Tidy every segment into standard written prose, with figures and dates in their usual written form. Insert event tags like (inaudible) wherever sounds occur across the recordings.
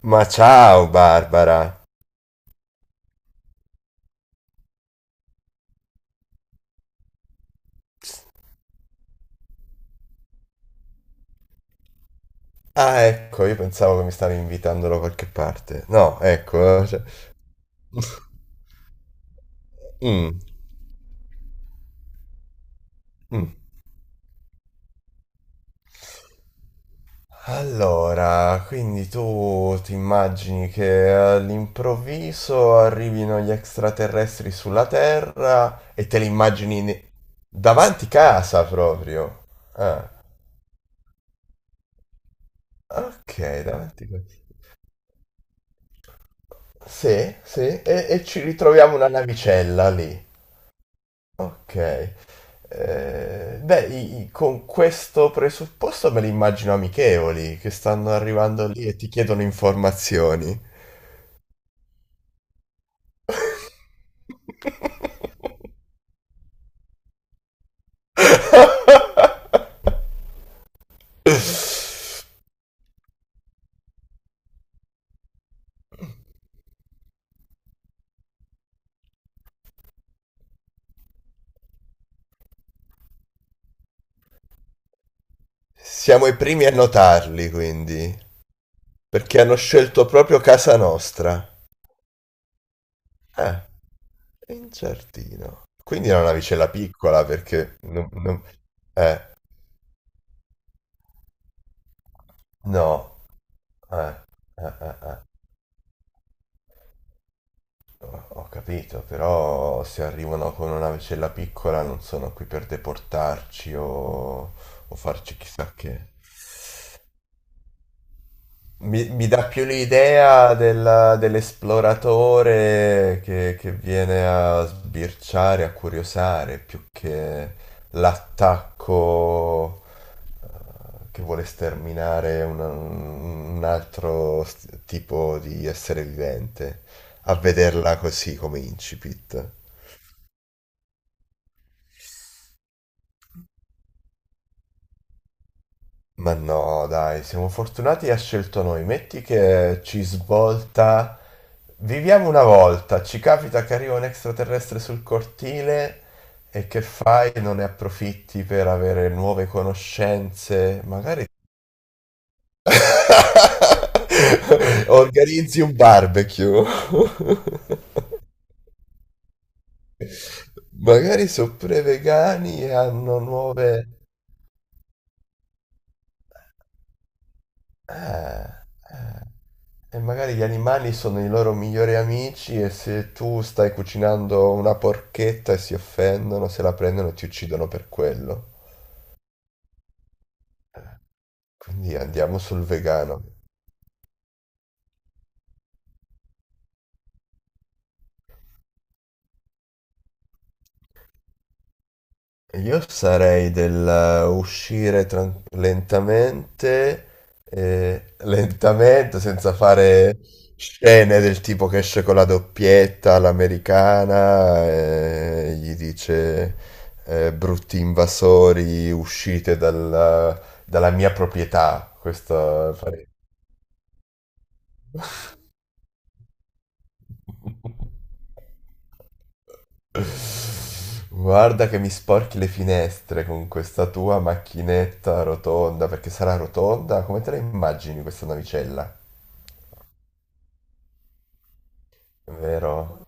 Ma ciao Barbara! Ah, ecco, io pensavo che mi stavi invitando da qualche parte. No, ecco. Cioè, mm, mm. Allora, quindi tu ti immagini che all'improvviso arrivino gli extraterrestri sulla Terra e te li immagini davanti casa proprio. Ah, ok, davanti casa. Sì, sì, e ci ritroviamo una navicella lì. Ok. Beh, con questo presupposto me li immagino amichevoli, che stanno arrivando lì e ti chiedono informazioni. (laughs) Siamo i primi a notarli, quindi, perché hanno scelto proprio casa nostra. Ah, in giardino. Quindi era una vicella piccola, perché... eh, no. Eh, eh, eh, eh, ho capito, però se arrivano con una navicella piccola non sono qui per deportarci o farci chissà che. Mi dà più l'idea dell'esploratore che viene a sbirciare, a curiosare, più che l'attacco eh, che vuole sterminare un altro tipo di essere vivente, a vederla così come incipit. Ma no, dai, siamo fortunati e ha scelto noi. Metti che ci svolta. Viviamo una volta, ci capita che arriva un extraterrestre sul cortile e che fai? Non ne approfitti per avere nuove conoscenze, magari (laughs) organizzi un barbecue. (laughs) Magari sono pre-vegani e hanno nuove. Eh, eh. E magari gli animali sono i loro migliori amici e se tu stai cucinando una porchetta e si offendono, se la prendono e ti uccidono per quello. Quindi andiamo sul vegano. Io sarei del uscire lentamente, senza fare scene del tipo che esce con la doppietta all'americana e gli dice brutti invasori, uscite dalla, mia proprietà. Questo farei. Guarda che mi sporchi le finestre con questa tua macchinetta rotonda, perché sarà rotonda? Come te la immagini questa navicella? Vero?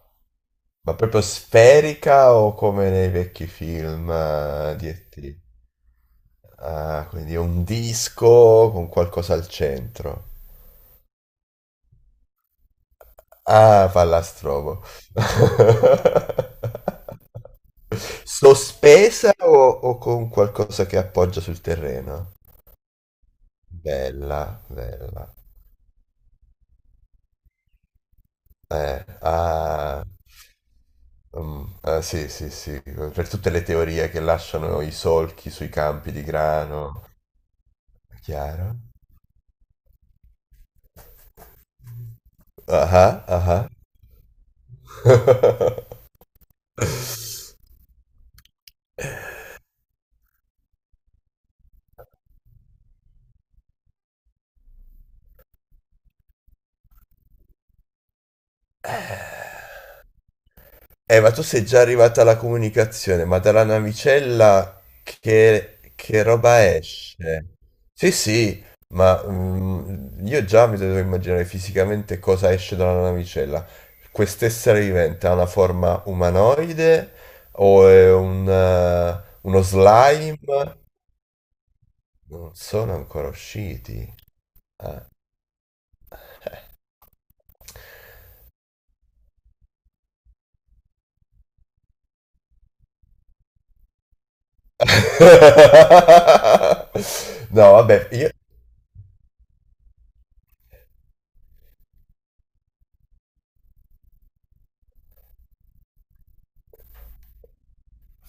Ma proprio sferica o come nei vecchi film di E.T.? Ah, quindi è un disco con qualcosa al centro. Ah, pallastromo. (laughs) Sospesa o con qualcosa che appoggia sul terreno? Bella, bella. Ah, sì, sì, sì, per tutte le teorie che lasciano i solchi sui campi di grano, chiaro? Ah, ah, ah. (laughs) Ma tu sei già arrivata alla comunicazione, ma dalla navicella che roba esce? Sì, sì, ma io già mi devo immaginare fisicamente cosa esce dalla navicella. Quest'essere vivente ha una forma umanoide o è uno slime? Non sono ancora usciti. Ah. (laughs) No, vabbè, io,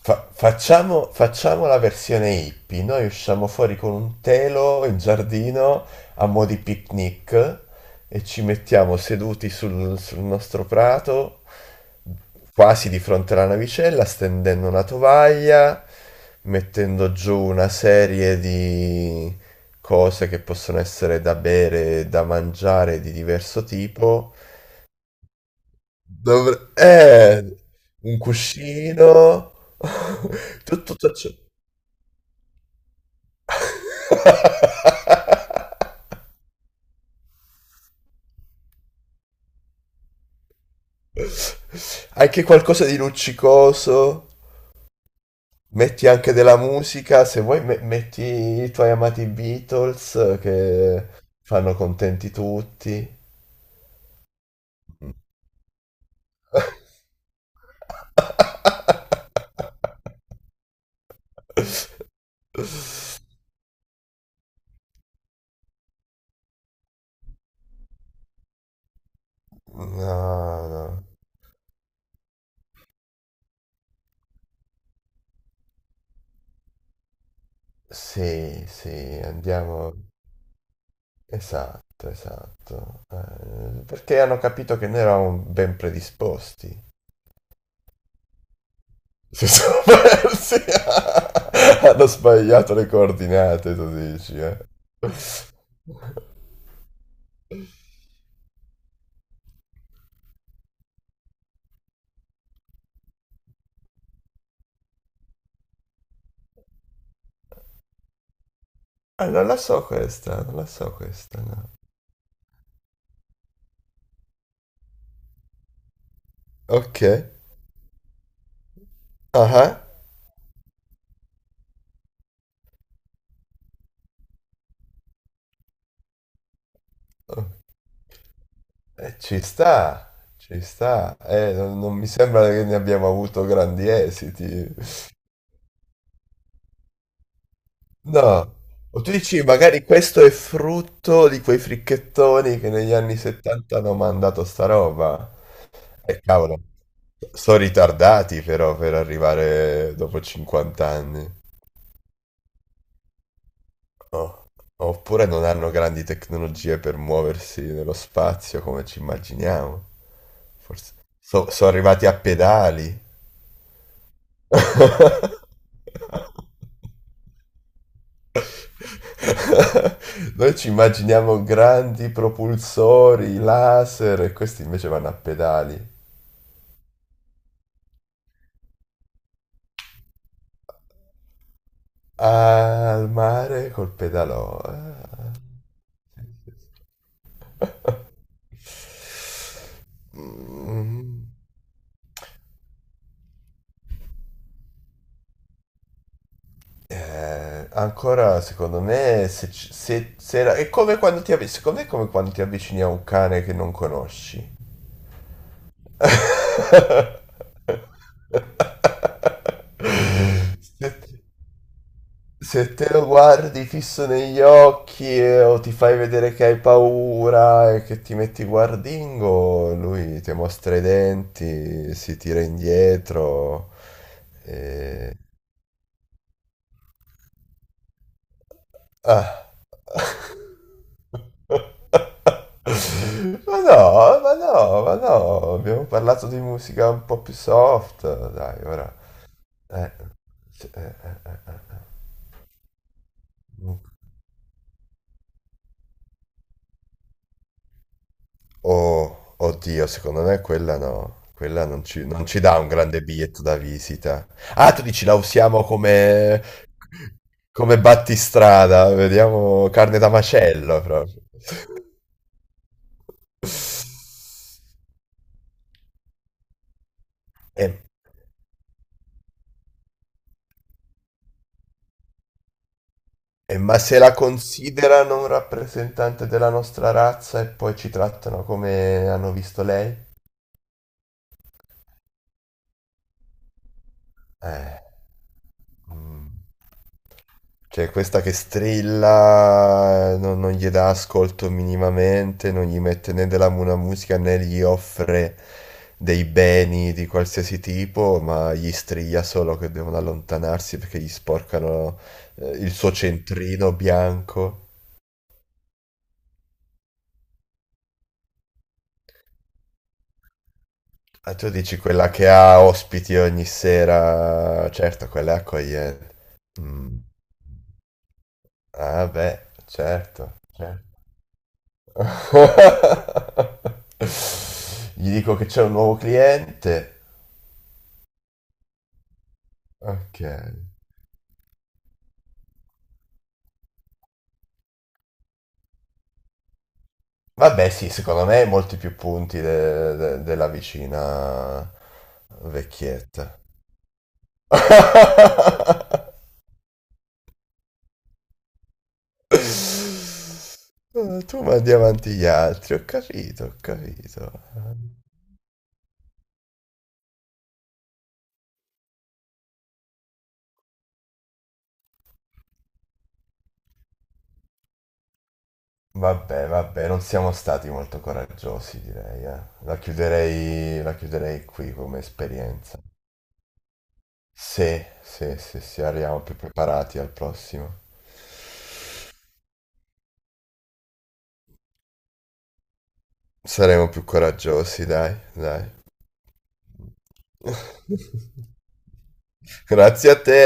Fa- facciamo, facciamo la versione hippie, noi usciamo fuori con un telo in giardino a mo' di picnic e ci mettiamo seduti sul nostro prato, quasi di fronte alla navicella, stendendo una tovaglia, mettendo giù una serie di cose che possono essere da bere, da mangiare di diverso tipo. Dovre- eh, un cuscino, (laughs) tutto ciò. Anche qualcosa di luccicoso. Metti anche della musica, se vuoi metti i tuoi amati Beatles che fanno contenti tutti. (laughs) No, no. Sì, sì, andiamo. Esatto, esatto. Perché hanno capito che noi eravamo ben predisposti. Si sono persi. (laughs) Hanno sbagliato le coordinate, tu dici, eh. Ah, non la so questa, non la so questa, no. Ok. Ah, ah. Ci sta, ci sta. Non mi sembra che ne abbiamo avuto grandi esiti. No. O tu dici, magari questo è frutto di quei fricchettoni che negli anni 70 hanno mandato sta roba. Cavolo, sono ritardati però per arrivare dopo 50 anni. Oh. Oppure non hanno grandi tecnologie per muoversi nello spazio come ci immaginiamo. Forse sono arrivati a pedali. (laughs) Noi ci immaginiamo grandi propulsori, laser, e questi invece vanno a pedali. Al mare col pedalò. Ah. Sì, sì, sì. Mm, ancora secondo me se, ci- se, se era- è come quando ti, avvi- secondo me è come quando ti avvicini a un cane che non conosci. Se, te- se te lo guardi fisso negli occhi o ti fai vedere che hai paura e che ti metti guardingo, lui ti mostra i denti, si tira indietro. e- Ah. Ma no, ma no, ma no, abbiamo parlato di musica un po' più soft, dai, ora. Eh. Sì. Oh, oddio, secondo me quella no. Quella non ci dà un grande biglietto da visita. Ah, tu dici la usiamo come, battistrada. Vediamo carne da macello proprio. Eh, ma se la considerano un rappresentante della nostra razza e poi ci trattano come hanno visto lei? Eh. Mm. Cioè, questa che strilla, non gli dà ascolto minimamente, non gli mette né della buona musica né gli offre dei beni di qualsiasi tipo, ma gli strilla solo che devono allontanarsi perché gli sporcano il suo centrino bianco. Ah, tu dici quella che ha ospiti ogni sera, certo, quella è accogliente. Mm. Ah, beh, certo, certo. Gli dico che c'è un nuovo cliente. Ok. Vabbè, sì, secondo me molti più punti della vicina vecchietta. (laughs) Tu mandi avanti gli altri, ho capito, ho capito. Vabbè, vabbè, non siamo stati molto coraggiosi, direi, eh. La chiuderei qui come esperienza. Sì, sì, sì, sì, arriviamo più preparati al prossimo. Saremo più coraggiosi, dai, dai. (laughs) Grazie a te.